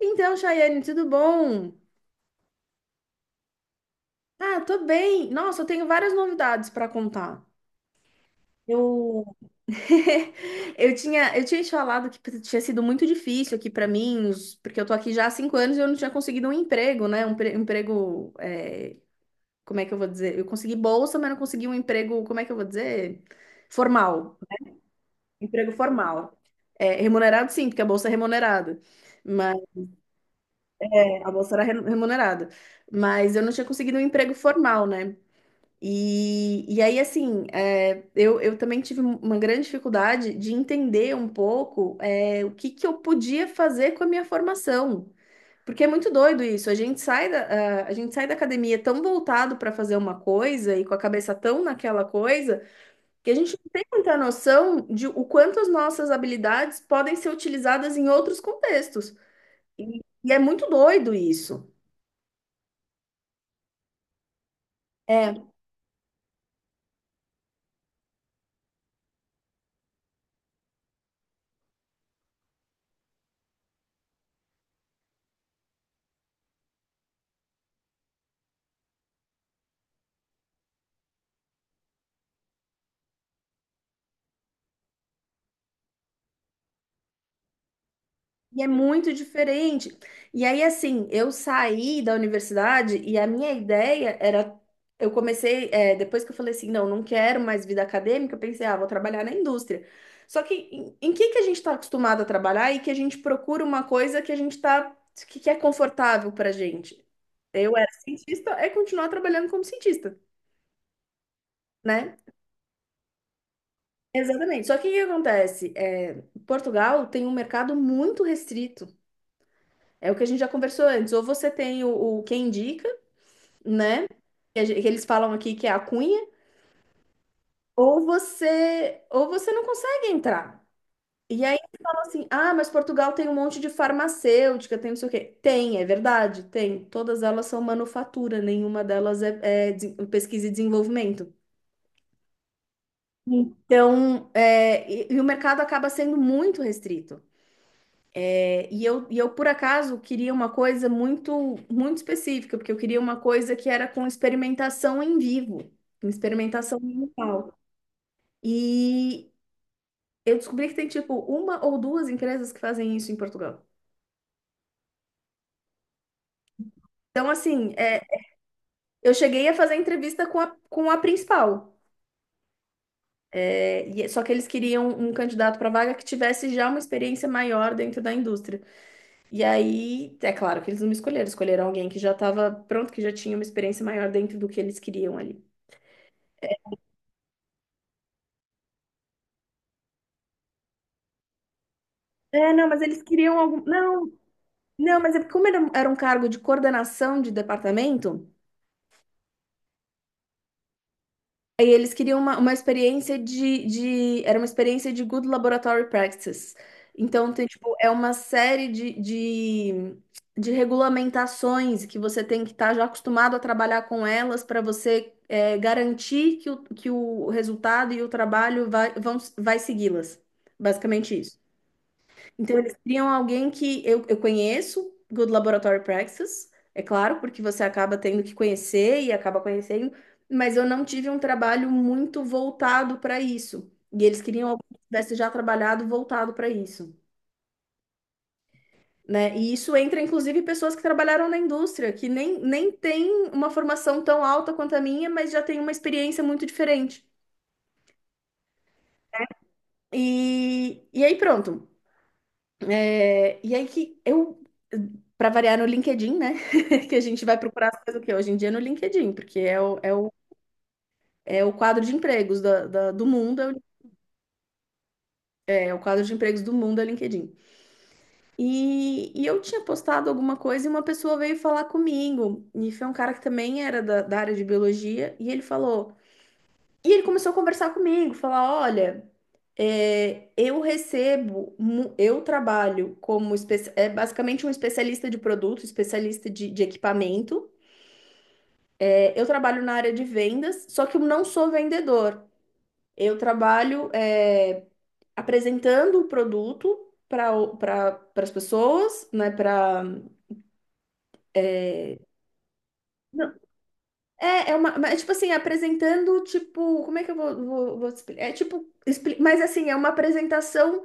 Então, Chayane, tudo bom? Ah, tô bem. Nossa, eu tenho várias novidades para contar. Eu eu tinha te falado que tinha sido muito difícil aqui para mim, porque eu tô aqui já há 5 anos e eu não tinha conseguido um emprego, né? Um emprego, como é que eu vou dizer? Eu consegui bolsa, mas não consegui um emprego, como é que eu vou dizer? Formal. Emprego formal. É, remunerado sim, porque a bolsa é remunerada. Mas é, a bolsa era remunerada. Mas eu não tinha conseguido um emprego formal, né? E aí, assim, é, eu também tive uma grande dificuldade de entender um pouco, o que que eu podia fazer com a minha formação. Porque é muito doido isso. A gente sai da academia tão voltado para fazer uma coisa e com a cabeça tão naquela coisa que a gente não tem muita noção de o quanto as nossas habilidades podem ser utilizadas em outros contextos. E é muito doido isso. É. E é muito diferente. E aí, assim, eu saí da universidade e a minha ideia era. Eu comecei, é, depois que eu falei assim, não, não quero mais vida acadêmica, eu pensei, ah, vou trabalhar na indústria. Só que em que a gente está acostumado a trabalhar e que a gente procura uma coisa que a gente tá, que é confortável pra gente? Eu era cientista, é continuar trabalhando como cientista, né? Exatamente. Só que o que acontece? É, Portugal tem um mercado muito restrito. É o que a gente já conversou antes. Ou você tem o quem indica, né? Que eles falam aqui que é a cunha, ou você não consegue entrar. E aí eles falam assim: ah, mas Portugal tem um monte de farmacêutica, tem não sei o quê. Tem, é verdade, tem. Todas elas são manufatura, nenhuma delas é pesquisa e desenvolvimento. Então, é, e o mercado acaba sendo muito restrito. É, e eu, por acaso, queria uma coisa muito, muito específica, porque eu queria uma coisa que era com experimentação em vivo, com experimentação mental. E eu descobri que tem, tipo, uma ou duas empresas que fazem isso em Portugal. Então, assim, é, eu cheguei a fazer entrevista com a principal, só que eles queriam um candidato para vaga que tivesse já uma experiência maior dentro da indústria. E aí, é claro que eles não me escolheram, escolheram alguém que já estava pronto, que já tinha uma experiência maior dentro do que eles queriam ali. É, não, mas eles queriam algum. Não, não, mas é porque como era um cargo de coordenação de departamento, aí eles queriam uma experiência de, de. Era uma experiência de Good Laboratory Practices. Então, tem, tipo, é uma série de regulamentações que você tem que estar já acostumado a trabalhar com elas para você é, garantir que o resultado e o trabalho vai segui-las. Basicamente isso. Então, eles criam alguém que eu conheço, Good Laboratory Practices, é claro, porque você acaba tendo que conhecer e acaba conhecendo, mas eu não tive um trabalho muito voltado para isso. E eles queriam alguém que tivesse já trabalhado voltado para isso, né? E isso entra, inclusive, pessoas que trabalharam na indústria, que nem, nem tem uma formação tão alta quanto a minha, mas já tem uma experiência muito diferente. E aí, pronto. É, e aí que eu, para variar no LinkedIn, né? Que a gente vai procurar as coisas o quê? Hoje em dia no LinkedIn, porque é o quadro de empregos do mundo, é o quadro de empregos do mundo é o LinkedIn. E eu tinha postado alguma coisa e uma pessoa veio falar comigo. E foi um cara que também era da área de biologia, e ele falou. E ele começou a conversar comigo, falar: olha. É, eu recebo, eu trabalho como é basicamente um especialista de produto, especialista de equipamento. É, eu trabalho na área de vendas, só que eu não sou vendedor. Eu trabalho é, apresentando o produto para para as pessoas, né? Para é, é uma, mas, tipo assim, apresentando, tipo, como é que eu vou, te explicar? É tipo, mas assim, é uma apresentação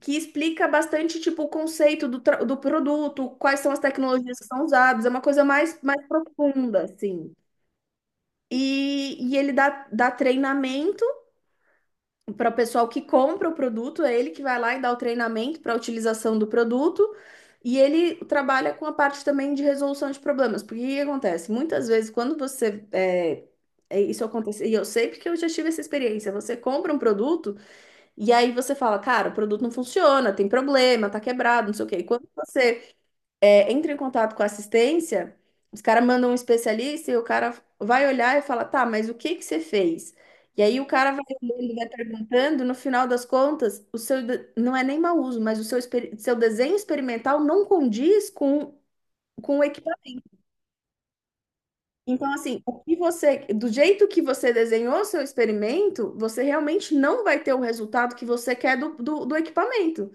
que explica bastante tipo o conceito do, do produto, quais são as tecnologias que são usadas, é uma coisa mais, mais profunda, assim. E ele dá treinamento para o pessoal que compra o produto, é ele que vai lá e dá o treinamento para a utilização do produto. E ele trabalha com a parte também de resolução de problemas, porque o que que acontece? Muitas vezes, quando você. É, isso acontece, e eu sei porque eu já tive essa experiência, você compra um produto. E aí você fala, cara, o produto não funciona, tem problema, tá quebrado, não sei o quê. E quando você entra em contato com a assistência, os caras mandam um especialista e o cara vai olhar e fala, tá, mas o que que você fez? E aí o cara vai olhando, ele vai perguntando, no final das contas, o seu não é nem mau uso, mas o seu, seu desenho experimental não condiz com o equipamento. Então, assim, o que você, do jeito que você desenhou o seu experimento, você realmente não vai ter o resultado que você quer do equipamento.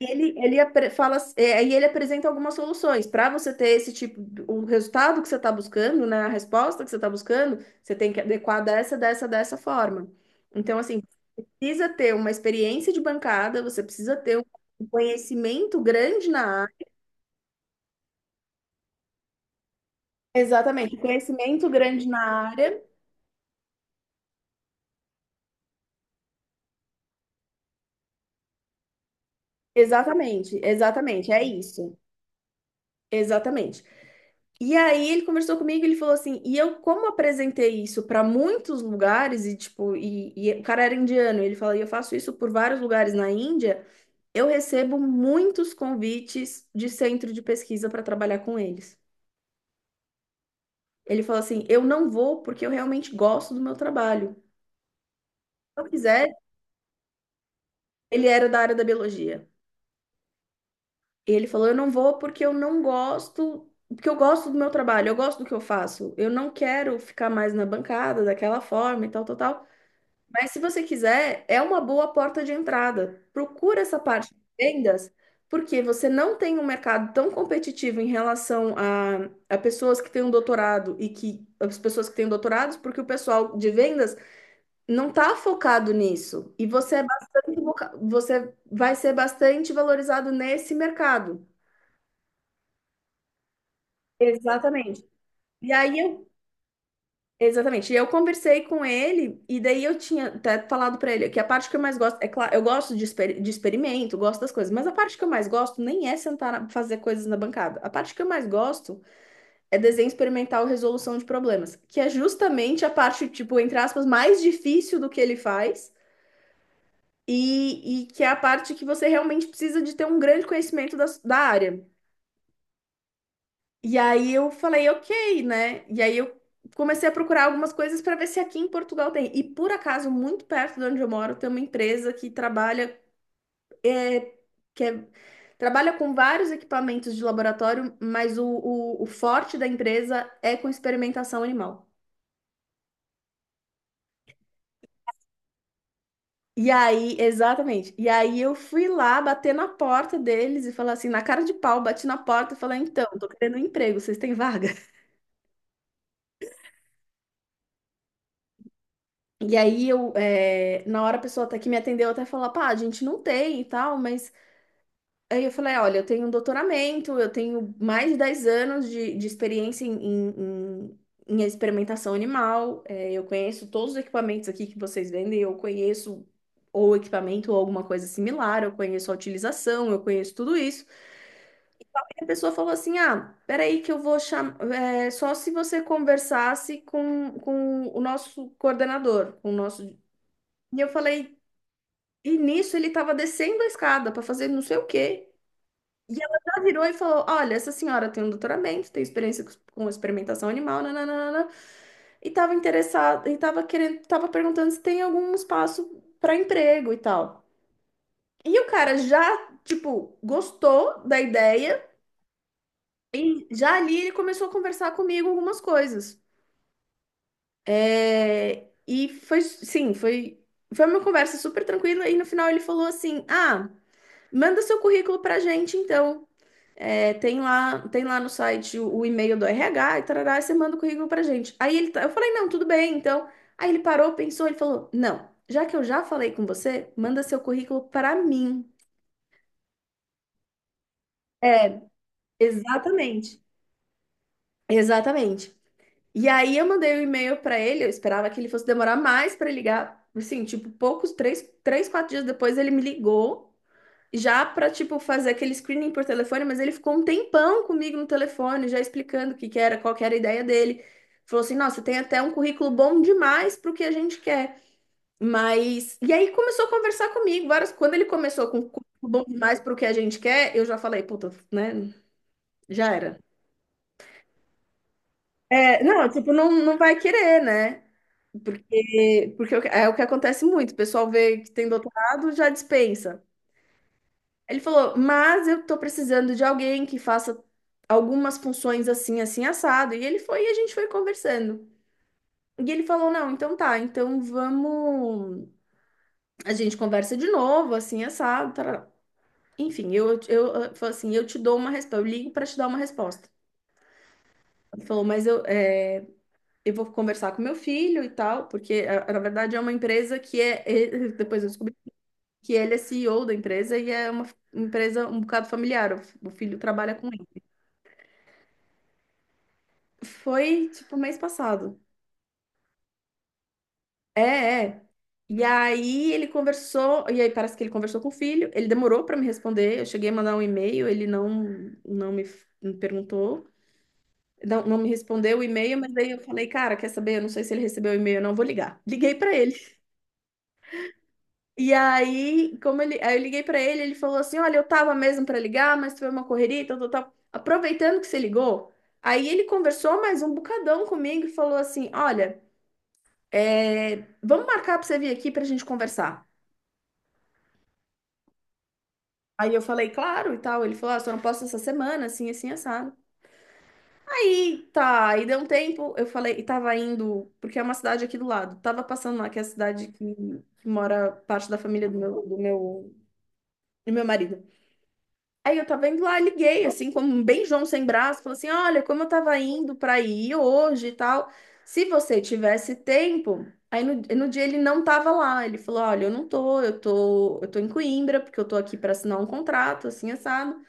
Fala, e ele apresenta algumas soluções. Para você ter esse tipo, o resultado que você está buscando, né, a resposta que você está buscando, você tem que adequar dessa forma. Então, assim, precisa ter uma experiência de bancada, você precisa ter um conhecimento grande na área. Exatamente, conhecimento grande na área. Exatamente, exatamente, é isso. Exatamente. E aí ele conversou comigo, ele falou assim, e eu como apresentei isso para muitos lugares e tipo, e o cara era indiano, ele falou, e eu faço isso por vários lugares na Índia, eu recebo muitos convites de centro de pesquisa para trabalhar com eles. Ele falou assim, eu não vou porque eu realmente gosto do meu trabalho. Se eu quiser, ele era da área da biologia. Ele falou, eu não vou porque eu não gosto, porque eu gosto do meu trabalho, eu gosto do que eu faço. Eu não quero ficar mais na bancada daquela forma e tal, tal, tal. Mas se você quiser, é uma boa porta de entrada. Procura essa parte de vendas, porque você não tem um mercado tão competitivo em relação a pessoas que têm um doutorado e que as pessoas que têm doutorados, porque o pessoal de vendas não está focado nisso. E você é bastante, você vai ser bastante valorizado nesse mercado. Exatamente. E aí eu Exatamente. E eu conversei com ele, e daí eu tinha até falado pra ele que a parte que eu mais gosto, é claro, eu gosto de, de experimento, gosto das coisas, mas a parte que eu mais gosto nem é sentar, fazer coisas na bancada. A parte que eu mais gosto é desenho experimental, resolução de problemas, que é justamente a parte, tipo, entre aspas, mais difícil do que ele faz, e que é a parte que você realmente precisa de ter um grande conhecimento da área. E aí eu falei, ok, né? E aí eu comecei a procurar algumas coisas para ver se aqui em Portugal tem. E por acaso, muito perto de onde eu moro, tem uma empresa que trabalha, é, que é- trabalha com vários equipamentos de laboratório, mas o forte da empresa é com experimentação animal. E aí, exatamente. E aí eu fui lá bater na porta deles e falar assim, na cara de pau, bati na porta e falei, então, tô querendo um emprego, vocês têm vaga? E aí eu, na hora a pessoa até que me atendeu até falou, pá, a gente não tem e tal, mas aí eu falei, olha, eu tenho um doutoramento, eu tenho mais de 10 anos de experiência em experimentação animal, eu conheço todos os equipamentos aqui que vocês vendem, eu conheço ou equipamento ou alguma coisa similar, eu conheço a utilização, eu conheço tudo isso. E a pessoa falou assim, ah, peraí que eu vou chamar, é, só se você conversasse com o nosso coordenador, com o nosso... E eu falei, E nisso ele estava descendo a escada para fazer não sei o quê. E ela já virou e falou: "Olha, essa senhora tem um doutoramento, tem experiência com experimentação animal, nananana, e estava interessada, e estava querendo, estava perguntando se tem algum espaço para emprego e tal." E o cara já, tipo, gostou da ideia, e já ali ele começou a conversar comigo algumas coisas. É, e foi, sim, foi, foi uma conversa super tranquila, e no final ele falou assim: "Ah. Manda seu currículo pra gente, então. É, tem lá no site o e-mail do RH e tarará, e você manda o currículo pra gente." Aí ele, tá- eu falei: "Não, tudo bem, então." Aí ele parou, pensou, ele falou: "Não, já que eu já falei com você, manda seu currículo pra mim." É, exatamente. Exatamente. E aí eu mandei o e-mail pra ele, eu esperava que ele fosse demorar mais pra ligar. Assim, tipo, poucos, três, quatro dias depois ele me ligou já para tipo fazer aquele screening por telefone, mas ele ficou um tempão comigo no telefone, já explicando o que que era, qual que era a ideia dele. Falou assim: "Nossa, tem até um currículo bom demais pro que a gente quer." Mas e aí começou a conversar comigo, várias quando ele começou com currículo bom demais pro que a gente quer, eu já falei: "Puta, né? Já era." É, não, tipo, não, não vai querer, né? Porque, porque é o que acontece muito, o pessoal vê que tem doutorado, já dispensa. Ele falou: "Mas eu tô precisando de alguém que faça algumas funções assim, assim, assado." E ele foi e a gente foi conversando. E ele falou: "Não, então tá, então vamos. A gente conversa de novo, assim, assado, tarará." Enfim, eu falei assim: "Eu te dou uma resposta, eu ligo pra te dar uma resposta." Ele falou: "Mas eu, é, eu vou conversar com meu filho e tal, porque a- na verdade é uma empresa que é- é-" Depois eu descobri que ele é CEO da empresa e é uma f- empresa um bocado familiar, o f- o filho trabalha com ele. Foi, tipo, mês passado. É, é. E aí ele conversou, e aí parece que ele conversou com o filho, ele demorou para me responder, eu cheguei a mandar um e-mail, ele não, não me, me perguntou, não, não me respondeu o e-mail, mas daí eu falei: "Cara, quer saber? Eu não sei se ele recebeu o e-mail, ou não. Vou ligar." Liguei para ele. E aí, como ele, aí eu liguei para ele, ele falou assim: "Olha, eu tava mesmo para ligar, mas foi uma correria, e tal, tal, tal. Aproveitando que você ligou..." Aí ele conversou mais um bocadão comigo e falou assim: "Olha... é, vamos marcar pra você vir aqui pra gente conversar." Aí eu falei: "Claro", e tal. Ele falou: "Ah, só não posso essa semana, assim, assim, assado." Aí, tá, aí deu um tempo, eu falei, e tava indo, porque é uma cidade aqui do lado. Tava passando lá, que é a cidade que mora parte da família do meu, do meu, do meu marido. Aí eu tava indo lá, liguei, assim, como bem João sem braço, falei assim: "Olha, como eu tava indo pra ir hoje e tal, se você tivesse tempo..." Aí no, no dia ele não tava lá, ele falou: "Olha, eu não tô, eu tô em Coimbra, porque eu tô aqui pra assinar um contrato, assim, assado.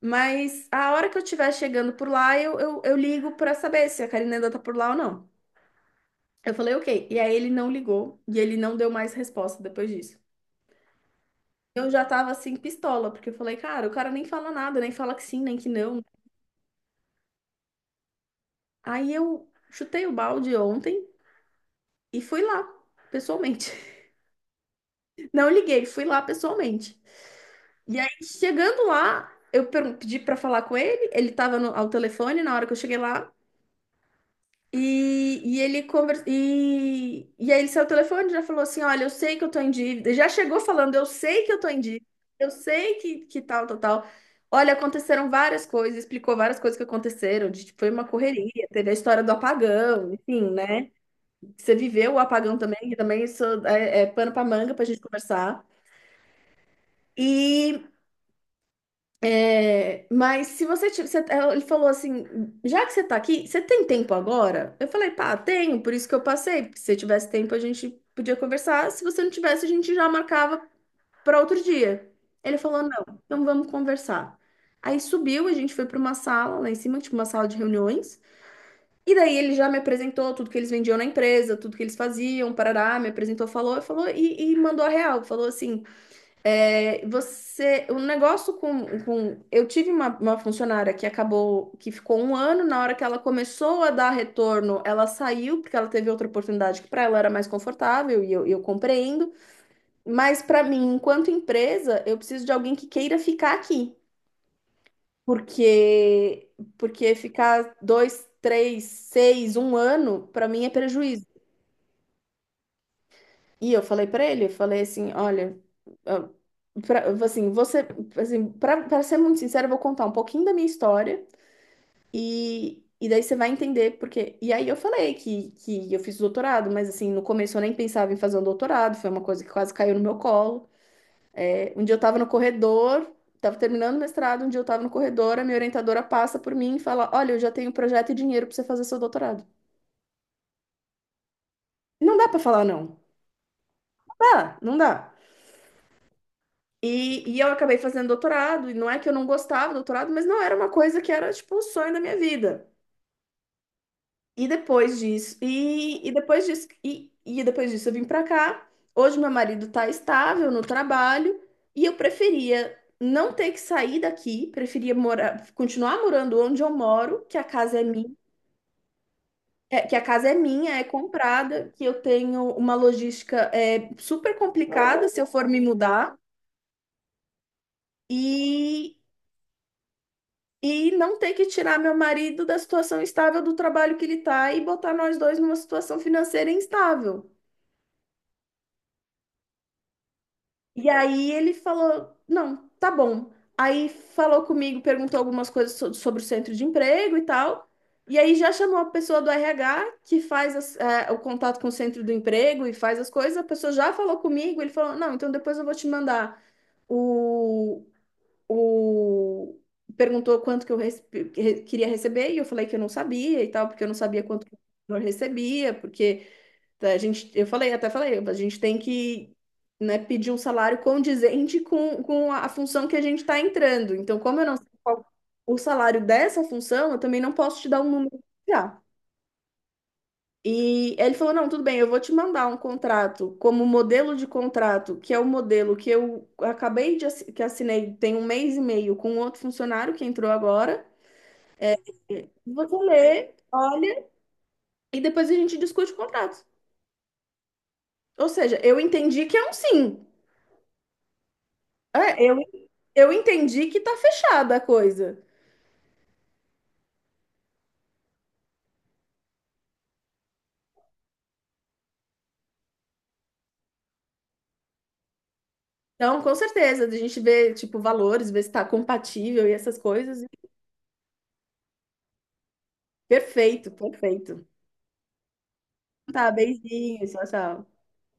Mas a hora que eu estiver chegando por lá, eu ligo pra saber se a Karina ainda tá por lá ou não." Eu falei: "Ok." E aí ele não ligou, e ele não deu mais resposta depois disso. Eu já tava assim, pistola, porque eu falei: "Cara, o cara nem fala nada, nem fala que sim, nem que não." Aí eu chutei o balde ontem e fui lá, pessoalmente. Não liguei, fui lá pessoalmente. E aí, chegando lá, eu per- pedi pra falar com ele, ele tava no, ao telefone na hora que eu cheguei lá. E ele conversa e aí ele saiu o telefone e já falou assim: "Olha, eu sei que eu tô em dívida." Já chegou falando: "Eu sei que eu tô em dívida, eu sei que tal, tal, tal. Olha, aconteceram várias coisas", explicou várias coisas que aconteceram, de, tipo, foi uma correria, teve a história do apagão, enfim, né? Você viveu o apagão também, e também isso é, é pano para manga para a gente conversar. E, é, mas se você, ti- você- ele falou assim: "Já que você tá aqui, você tem tempo agora?" Eu falei: "Pá, tenho, por isso que eu passei, porque se eu tivesse tempo, a gente podia conversar. Se você não tivesse, a gente já marcava para outro dia." Ele falou: "Não, então vamos conversar." Aí subiu, a gente foi para uma sala lá em cima, tipo uma sala de reuniões. E daí ele já me apresentou tudo que eles vendiam na empresa, tudo que eles faziam, parará, me apresentou, falou, falou e mandou a real. Falou assim: "É, você, o negócio com... Eu tive uma funcionária que acabou, que ficou um ano, na hora que ela começou a dar retorno, ela saiu, porque ela teve outra oportunidade que para ela era mais confortável, e eu compreendo. Mas para mim, enquanto empresa, eu preciso de alguém que queira ficar aqui. Porque, porque ficar dois, três, seis, um ano, para mim é prejuízo." E eu falei para ele, eu falei assim: "Olha, ah, pra, assim, você, assim, para ser muito sincero, eu vou contar um pouquinho da minha história e daí você vai entender porque." E aí eu falei que eu fiz doutorado, mas assim, no começo eu nem pensava em fazer um doutorado, foi uma coisa que quase caiu no meu colo. Um dia eu estava no corredor, estava terminando o mestrado, um dia eu estava no corredor, a minha orientadora passa por mim e fala: "Olha, eu já tenho projeto e dinheiro para você fazer seu doutorado." Não dá para falar não. Ah, não dá. E eu acabei fazendo doutorado, e não é que eu não gostava do doutorado, mas não era uma coisa que era, tipo, o sonho da minha vida. E depois disso, e depois disso eu vim pra cá. Hoje meu marido tá estável no trabalho e eu preferia não ter que sair daqui, preferia morar, continuar morando onde eu moro, que a casa é minha, é- que a casa é minha, é comprada, que eu tenho uma logística é, super complicada se eu for me mudar e E não ter que tirar meu marido da situação estável do trabalho que ele tá e botar nós dois numa situação financeira instável. E aí ele falou: "Não, tá bom." Aí falou comigo, perguntou algumas coisas so- sobre o centro de emprego e tal. E aí já chamou a pessoa do RH que faz as- é, o contato com o centro do emprego e faz as coisas. A pessoa já falou comigo, ele falou: "Não, então depois eu vou te mandar o, o..." Perguntou quanto que eu rece- que re- queria receber, e eu falei que eu não sabia e tal, porque eu não sabia quanto que eu recebia, porque tá, a gente, eu falei, até falei: "A gente tem que, né, pedir um salário condizente com a função que a gente está entrando. Então, como eu não sei qual o salário dessa função, eu também não posso te dar um número já." E ele falou: "Não, tudo bem, eu vou te mandar um contrato como modelo de contrato, que é o modelo que eu acabei de assi- que assinei tem um mês e meio com um outro funcionário que entrou agora. Você lê, olha, e depois a gente discute o contrato." Ou seja, eu entendi que é um sim. É, eu entendi que tá fechada a coisa. Então, com certeza, a gente vê, tipo, valores, vê se tá compatível e essas coisas. Perfeito, perfeito. Tá, beijinho, tchau, tchau.